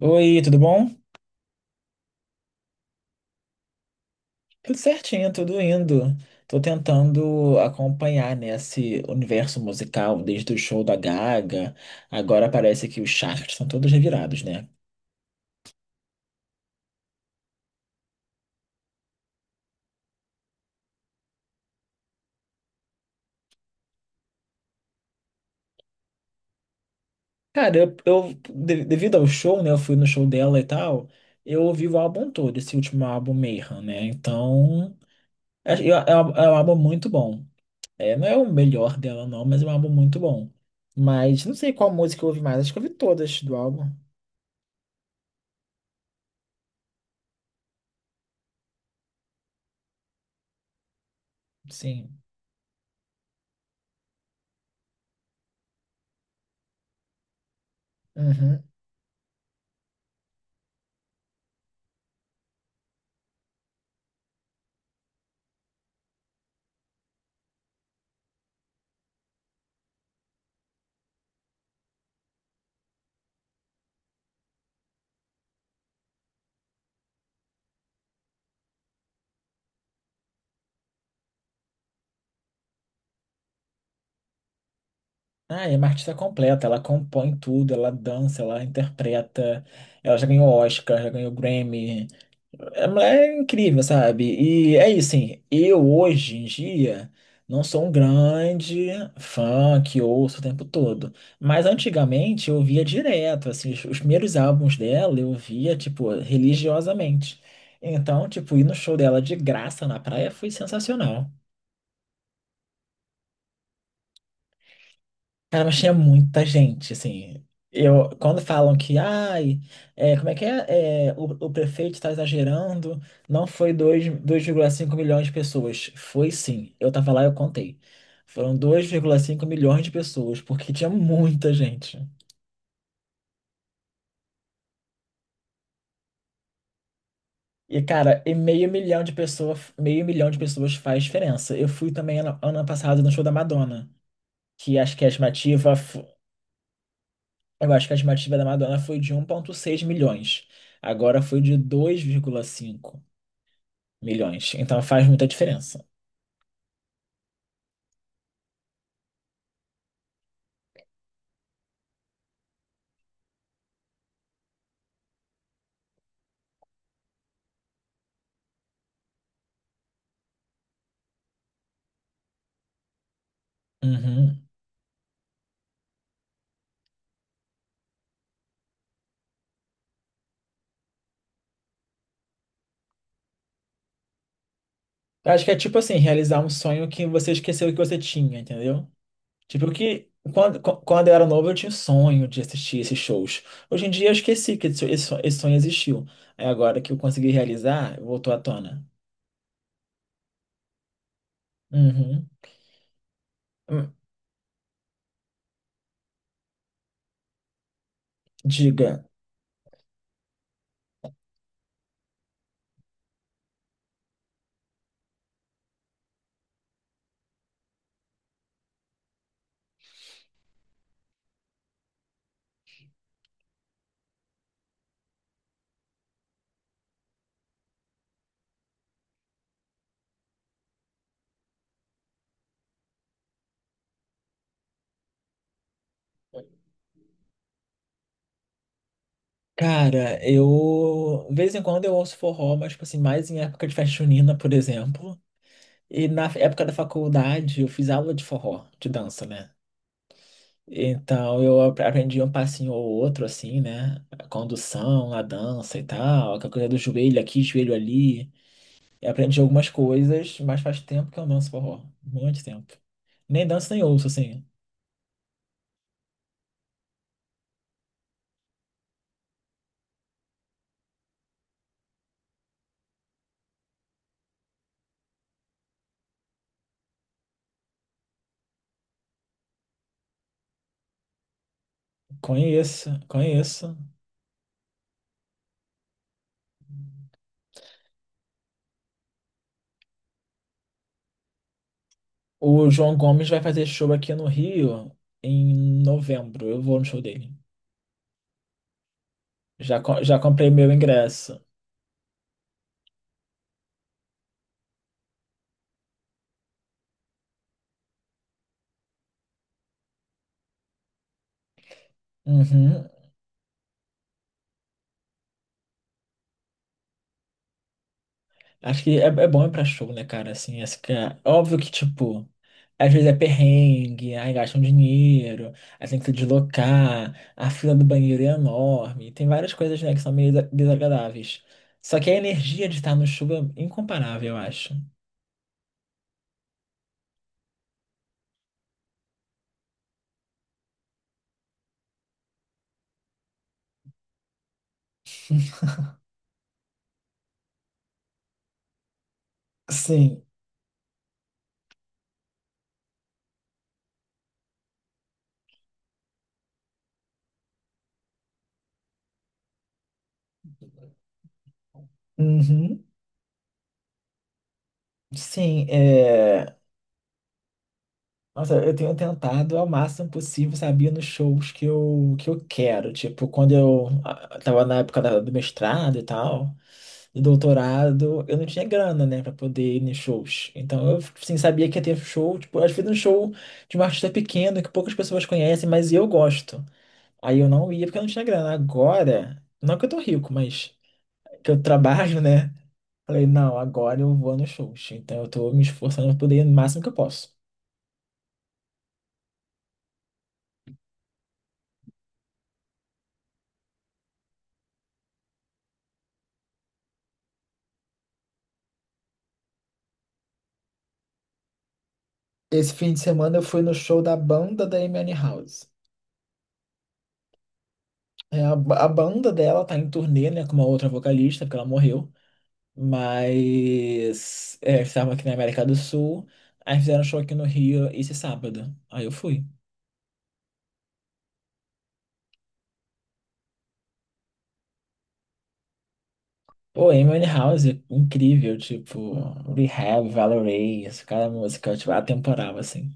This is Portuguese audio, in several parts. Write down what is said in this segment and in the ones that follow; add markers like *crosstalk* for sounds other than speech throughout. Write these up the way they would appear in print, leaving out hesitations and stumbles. Oi, tudo bom? Tudo certinho, tudo indo. Tô tentando acompanhar nesse universo musical desde o show da Gaga. Agora parece que os chakras estão todos revirados, né? Cara, devido ao show, né? Eu fui no show dela e tal. Eu ouvi o álbum todo, esse último álbum Mayhem, né? Então, é um álbum muito bom. É, não é o melhor dela, não, mas é um álbum muito bom. Mas não sei qual música eu ouvi mais. Acho que eu ouvi todas do álbum. Sim. Uhum. Ah, é uma artista completa, ela compõe tudo, ela dança, ela interpreta, ela já ganhou Oscar, já ganhou Grammy. A mulher é incrível, sabe? E é isso, assim, eu hoje em dia não sou um grande fã que ouço o tempo todo, mas antigamente eu via direto, assim, os primeiros álbuns dela eu via, tipo, religiosamente. Então, tipo, ir no show dela de graça na praia foi sensacional. Cara, mas tinha muita gente, assim. Eu, quando falam que, ai, é, como é que é, é, o prefeito está exagerando, não foi 2,5 milhões de pessoas. Foi sim. Eu tava lá, e eu contei. Foram 2,5 milhões de pessoas, porque tinha muita gente. E, cara, e meio milhão de pessoas, meio milhão de pessoas faz diferença. Eu fui também ano passado no show da Madonna, que acho que é a estimativa eu acho que a estimativa da Madonna foi de 1,6 milhões. Agora foi de 2,5 milhões. Então faz muita diferença. Uhum. Eu acho que é tipo assim, realizar um sonho que você esqueceu que você tinha, entendeu? Tipo que quando eu era novo eu tinha o sonho de assistir esses shows. Hoje em dia eu esqueci que esse sonho existiu. Aí agora que eu consegui realizar, voltou à tona. Uhum. Hum, Diga. Cara, eu de vez em quando eu ouço forró, mas tipo assim, mais em época de festa junina, por exemplo. E na época da faculdade eu fiz aula de forró, de dança, né? Então eu aprendi um passinho ou outro, assim, né? A condução, a dança e tal, aquela coisa do joelho aqui, joelho ali. E aprendi algumas coisas, mas faz tempo que eu não danço forró. Muito tempo. Nem danço nem ouço, assim. Conheço, conheço. O João Gomes vai fazer show aqui no Rio em novembro. Eu vou no show dele. Já comprei meu ingresso. Uhum. Acho que é bom ir pra show, né, cara? Assim, acho que é óbvio que, tipo, às vezes é perrengue, aí gastam dinheiro, aí tem que se deslocar, a fila do banheiro é enorme, tem várias coisas, né, que são meio desagradáveis. Só que a energia de estar no show é incomparável, eu acho. Sim, uhum. Sim. Nossa, eu tenho tentado ao máximo possível, sabia, nos shows que eu quero. Tipo, quando eu tava na época do mestrado e tal, do doutorado, eu não tinha grana, né, pra poder ir em shows. Então eu, assim, sabia que ia ter show, tipo, às vezes um show de um artista pequeno que poucas pessoas conhecem, mas eu gosto. Aí eu não ia porque eu não tinha grana. Agora, não que eu tô rico, mas que eu trabalho, né? Falei, não, agora eu vou nos shows. Então eu tô me esforçando pra poder ir no máximo que eu posso. Esse fim de semana eu fui no show da banda da Amy House. a, a banda dela tá em turnê, né, com uma outra vocalista, porque ela morreu. Mas estavam aqui na América do Sul, aí fizeram um show aqui no Rio esse sábado. Aí eu fui. Pô, Amy House, incrível, tipo, Rehab, Valorous, cada música, tipo, atemporal, assim.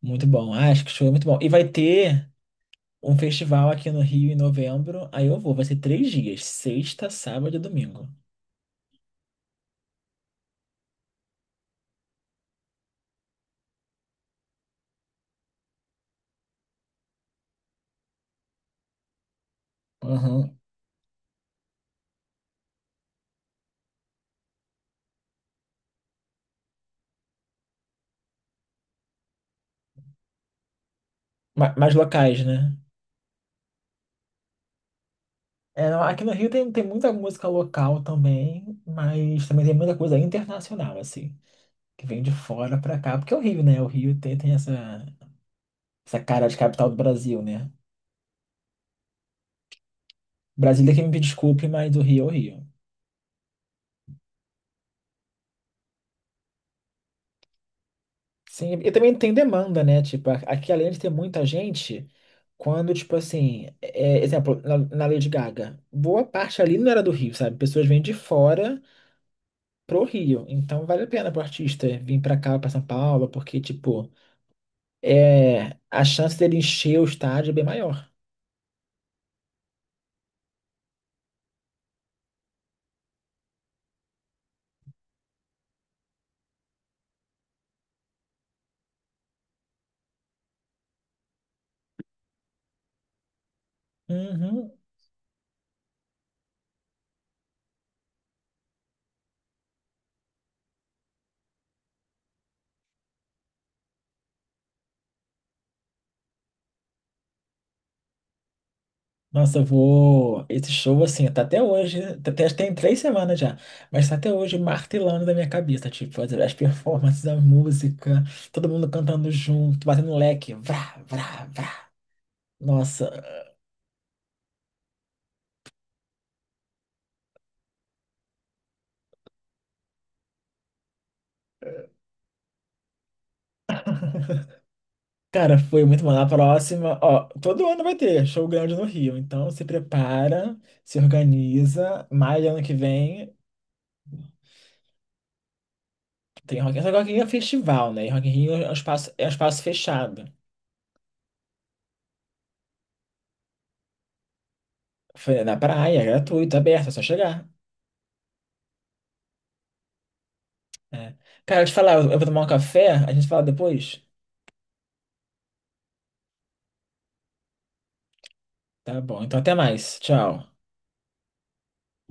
Muito bom. Ah, acho que o show é muito bom. E vai ter um festival aqui no Rio em novembro, aí eu vou, vai ser 3 dias, sexta, sábado e domingo. Uhum. Mais locais, né? É, não, aqui no Rio tem muita música local também, mas também tem muita coisa internacional, assim, que vem de fora pra cá, porque é o Rio, né? O Rio tem essa, cara de capital do Brasil, né? Brasília que me desculpe, mas o Rio é o Rio. Sim, e também tem demanda, né? Tipo, aqui além de ter muita gente, quando, tipo assim, exemplo, na Lady Gaga, boa parte ali não era do Rio, sabe? Pessoas vêm de fora pro Rio. Então vale a pena pro artista vir pra cá, pra São Paulo, porque, tipo, a chance dele encher o estádio é bem maior. Uhum. Nossa, eu vou. Esse show, assim, tá até hoje. Tá até, tem 3 semanas já. Mas tá até hoje martelando na minha cabeça. Tipo, as *laughs* performances, a música, todo mundo cantando junto, batendo leque. Vrá, vrá, vrá. Nossa. *laughs* Cara, foi muito bom. Na próxima, ó, todo ano vai ter show grande no Rio. Então se prepara, se organiza. Maio do ano que vem tem Rock in Rio. Só que Rock in Rio é festival, né? E Rock in Rio é um espaço, fechado. Foi na praia, é gratuito, aberto, é só chegar. É. Cara, deixa eu te falar, eu vou tomar um café, a gente fala depois? Tá bom, então até mais. Tchau.